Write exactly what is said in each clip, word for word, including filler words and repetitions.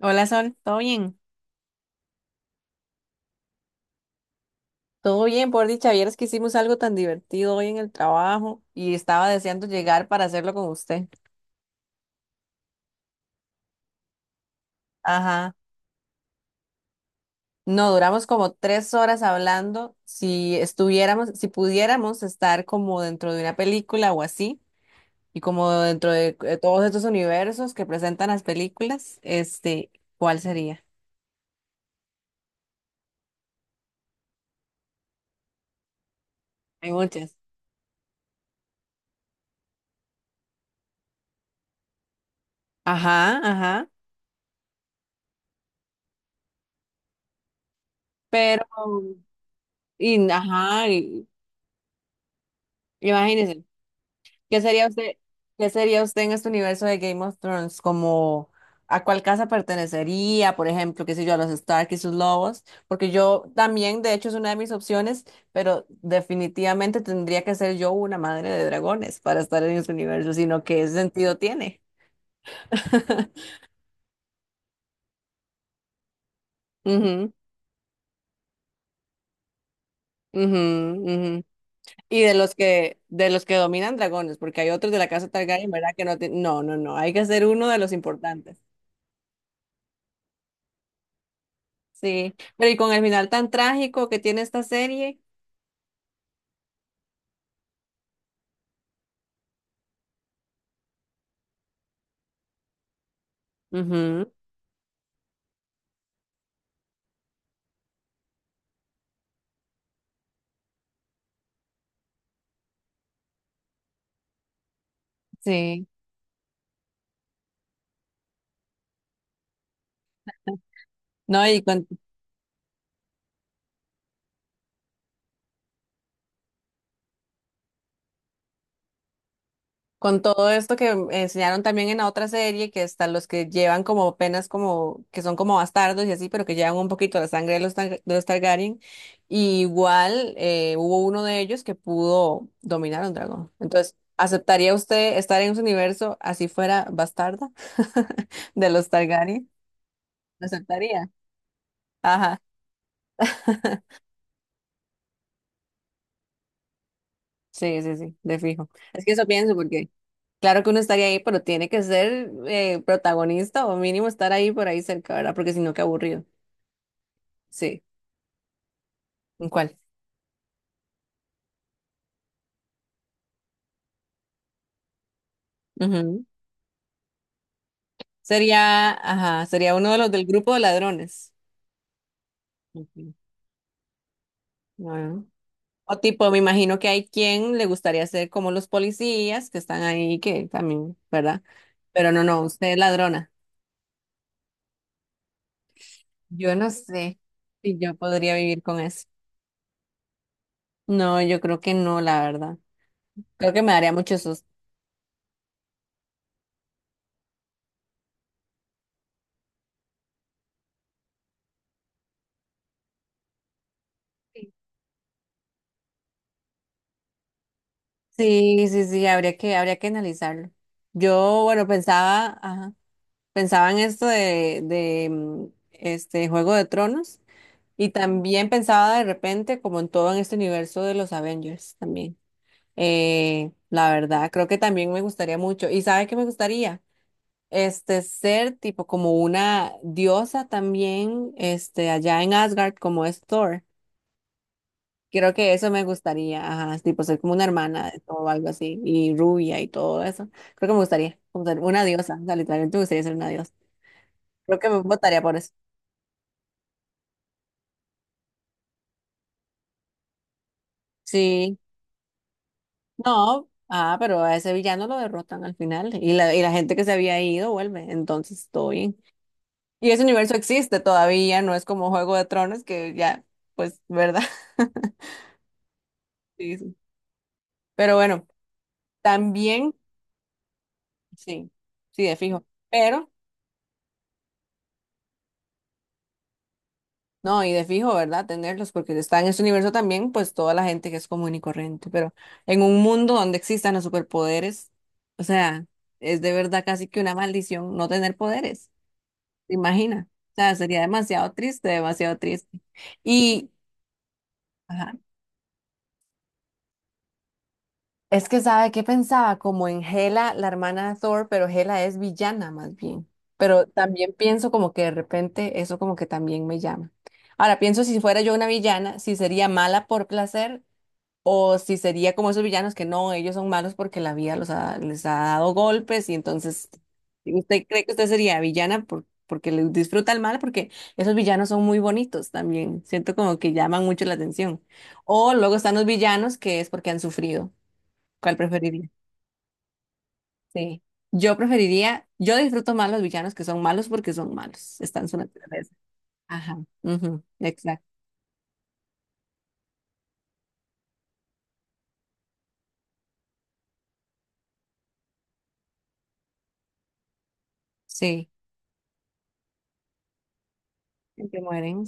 Hola Sol, ¿todo bien? Todo bien, por dicha, vieras que hicimos algo tan divertido hoy en el trabajo y estaba deseando llegar para hacerlo con usted. Ajá. No, duramos como tres horas hablando. Si estuviéramos, si pudiéramos estar como dentro de una película o así, y como dentro de, eh, todos estos universos que presentan las películas, este, ¿cuál sería? Hay muchas. Ajá, ajá. Pero, y, ajá, y, imagínense. ¿Qué sería usted, qué sería usted en este universo de Game of Thrones? Como a cuál casa pertenecería, por ejemplo, qué sé yo, a los Stark y sus lobos, porque yo también, de hecho, es una de mis opciones, pero definitivamente tendría que ser yo una madre de dragones para estar en este universo, sino qué sentido tiene. Ujú, ujú, ujú. Y de los que, de los que dominan dragones, porque hay otros de la casa Targaryen, ¿verdad? Que no, ti- no, no, no, hay que ser uno de los importantes. Sí, pero y con el final tan trágico que tiene esta serie. Ujú, sí. No, y con, con todo esto que enseñaron también en la otra serie, que están los que llevan como penas como, que son como bastardos y así, pero que llevan un poquito la sangre de los, Tar- de los Targaryen. Y igual eh, hubo uno de ellos que pudo dominar a un dragón. Entonces, ¿aceptaría usted estar en ese universo así fuera bastarda de los Targaryen? ¿Lo aceptaría? Ajá. Sí, sí, sí, de fijo. Es que eso pienso porque claro que uno estaría ahí, pero tiene que ser eh, protagonista o mínimo estar ahí por ahí cerca, ¿verdad? Porque si no, qué aburrido. Sí. ¿En cuál? Ujú. Sería, ajá, sería uno de los del grupo de ladrones. Ok. Bueno. O tipo, me imagino que hay quien le gustaría ser como los policías que están ahí, que también, ¿verdad? Pero no, no, usted es ladrona. Yo no sé si yo podría vivir con eso. No, yo creo que no, la verdad. Creo que me daría mucho susto. Sí, sí, sí, habría que, habría que analizarlo. Yo, bueno, pensaba, ajá, pensaba en esto de, de mm, este Juego de Tronos y también pensaba de repente como en todo en este universo de los Avengers también. Eh, la verdad, creo que también me gustaría mucho. ¿Y sabe qué me gustaría? Este, ser tipo como una diosa también, este, allá en Asgard, como es Thor. Creo que eso me gustaría, ajá, tipo ser como una hermana de- o algo así, y rubia y todo eso. Creo que me gustaría, como ser una diosa, o sea, literalmente me gustaría ser una diosa. Creo que me votaría por eso. Sí, no, ah, pero a ese villano lo derrotan al final, y la, y la gente que se había ido vuelve, entonces todo bien. Y ese universo existe todavía, no es como Juego de Tronos, que ya, pues, ¿verdad? Sí, sí. Pero bueno, también, sí, sí, de fijo. Pero no, y de fijo, ¿verdad? Tenerlos, porque está en este universo también, pues toda la gente que es común y corriente, pero en un mundo donde existan los superpoderes, o sea, es de verdad casi que una maldición no tener poderes, ¿te imaginas? O sea, sería demasiado triste, demasiado triste. Y ajá, es que, ¿sabe qué pensaba? Como en Hela, la hermana de Thor, pero Hela es villana más bien. Pero también pienso como que de repente eso como que también me llama. Ahora pienso si fuera yo una villana, si sería mala por placer. O si sería como esos villanos que no, ellos son malos porque la vida los ha- les ha dado golpes y entonces usted cree que usted sería villana por- porque le disfruta el mal, porque esos villanos son muy bonitos también. Siento como que llaman mucho la atención. O luego están los villanos que es porque han sufrido. ¿Cuál preferiría? Sí. Yo preferiría, yo disfruto más los villanos que son malos porque son malos, están en su naturaleza. Ajá. Ujú, exacto. Sí. Que mueren.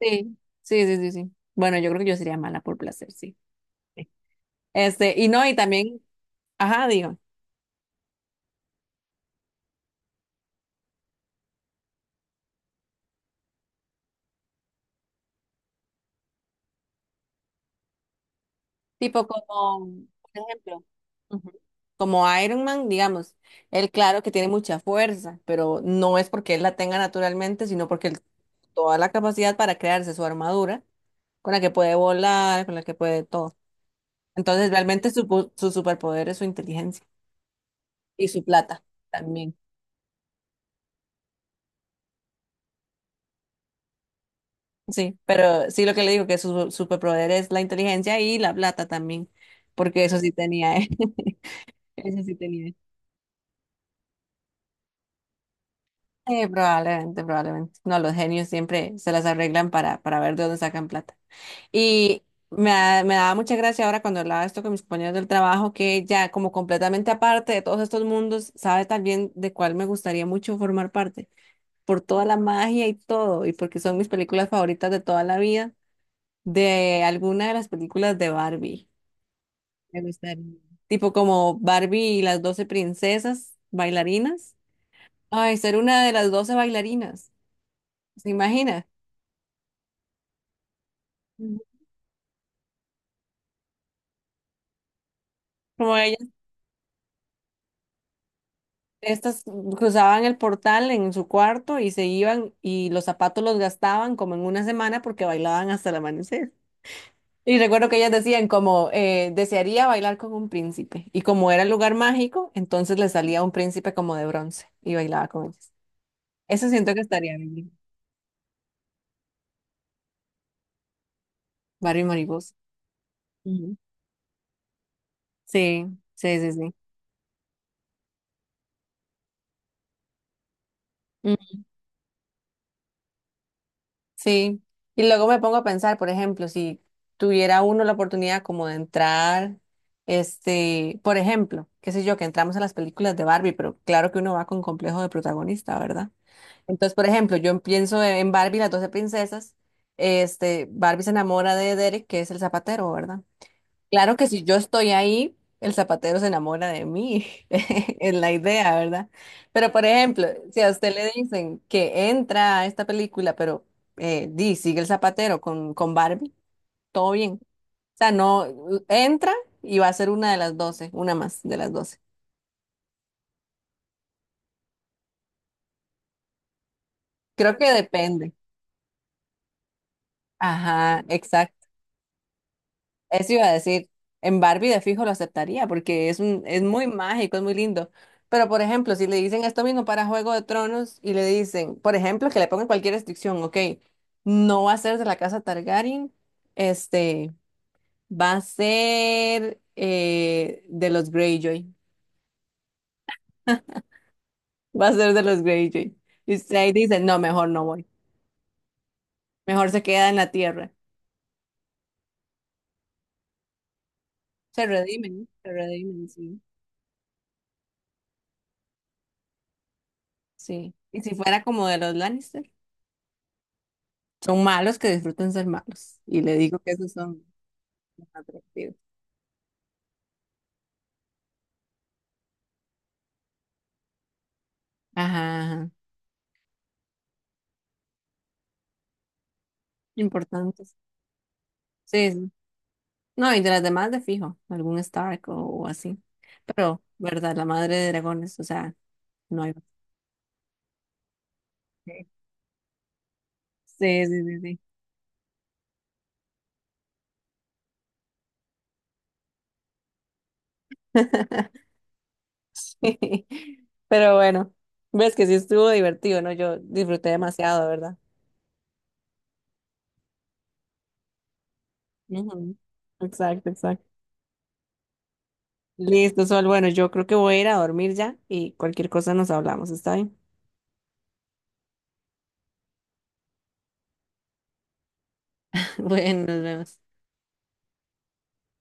Sí, sí, sí, sí, sí. Bueno, yo creo que yo sería mala por placer, sí. Sí. Este, y no, y también, ajá, digo, tipo como, por ejemplo, ujú, como Iron Man, digamos, él claro que tiene mucha fuerza, pero no es porque él la tenga naturalmente, sino porque él toda la capacidad para crearse su armadura, con la que puede volar, con la que puede todo. Entonces, realmente su, pu- su superpoder es su inteligencia y su plata también. Sí, pero sí lo que le digo, que su superpoder es la inteligencia y la plata también, porque eso sí tenía, ¿eh? Eso sí tenía. Él. Eh, probablemente, probablemente. No, los genios siempre se las arreglan para, para ver de dónde sacan plata. Y me, da- me daba mucha gracia ahora cuando hablaba esto con mis compañeros del trabajo, que ya como completamente aparte de todos estos mundos, sabe también de cuál me gustaría mucho formar parte, por toda la magia y todo, y porque son mis películas favoritas de toda la vida, de alguna de las películas de Barbie. Me gustaría. Tipo como Barbie y las doce princesas bailarinas. Ay, ser una de las doce bailarinas, ¿se imagina? Mm. Como ellas, estas cruzaban el portal en su cuarto y se iban y los zapatos los gastaban como en una semana porque bailaban hasta el amanecer. Y recuerdo que ellas decían como eh, desearía bailar con un príncipe y como era el lugar mágico, entonces le salía un príncipe como de bronce y bailaba con ellas. Eso siento que estaría bien. Barbie Mariposa. Ujú. Sí, sí, sí, sí. Mm, sí, y luego me pongo a pensar, por ejemplo, si tuviera uno la oportunidad como de entrar, este, por ejemplo, qué sé yo, que entramos a las películas de Barbie, pero claro que uno va con complejo de protagonista, ¿verdad? Entonces, por ejemplo, yo pienso en Barbie, las doce princesas, este, Barbie se enamora de Derek, que es el zapatero, ¿verdad? Claro que si yo estoy ahí, el zapatero se enamora de mí, es la idea, ¿verdad? Pero por ejemplo, si a usted le dicen que entra a esta película, pero eh, di, sigue el zapatero con, con Barbie, todo bien. O sea, no, entra y va a ser una de las doce, una más de las doce. Creo que depende. Ajá, eso iba a decir, en Barbie de fijo lo aceptaría porque es un, es muy mágico, es muy lindo. Pero por ejemplo, si le dicen esto mismo para Juego de Tronos y le dicen, por ejemplo, que le pongan cualquier restricción, ok, no va a ser de la casa Targaryen, este, va a ser eh, de los Greyjoy, va a ser de los Greyjoy. Y usted ahí dice, no, mejor no voy, mejor se queda en la tierra. Se redimen, se redimen, sí, sí. Y si fuera como de los Lannister. Son malos que disfrutan ser malos. Y le digo que esos son los atractivos. Ajá, ajá. Importantes. Sí, sí. No, y de las demás de fijo, algún Stark o, o así. Pero, ¿verdad? La madre de dragones, o sea, no hay. Sí, sí, sí, sí. Sí. Pero bueno, ves que sí estuvo divertido, ¿no? Yo disfruté demasiado, ¿verdad? Ujú. Exacto, exacto. Listo, Sol. Bueno, yo creo que voy a ir a dormir ya y cualquier cosa nos hablamos, ¿está bien? Bueno, nos vemos.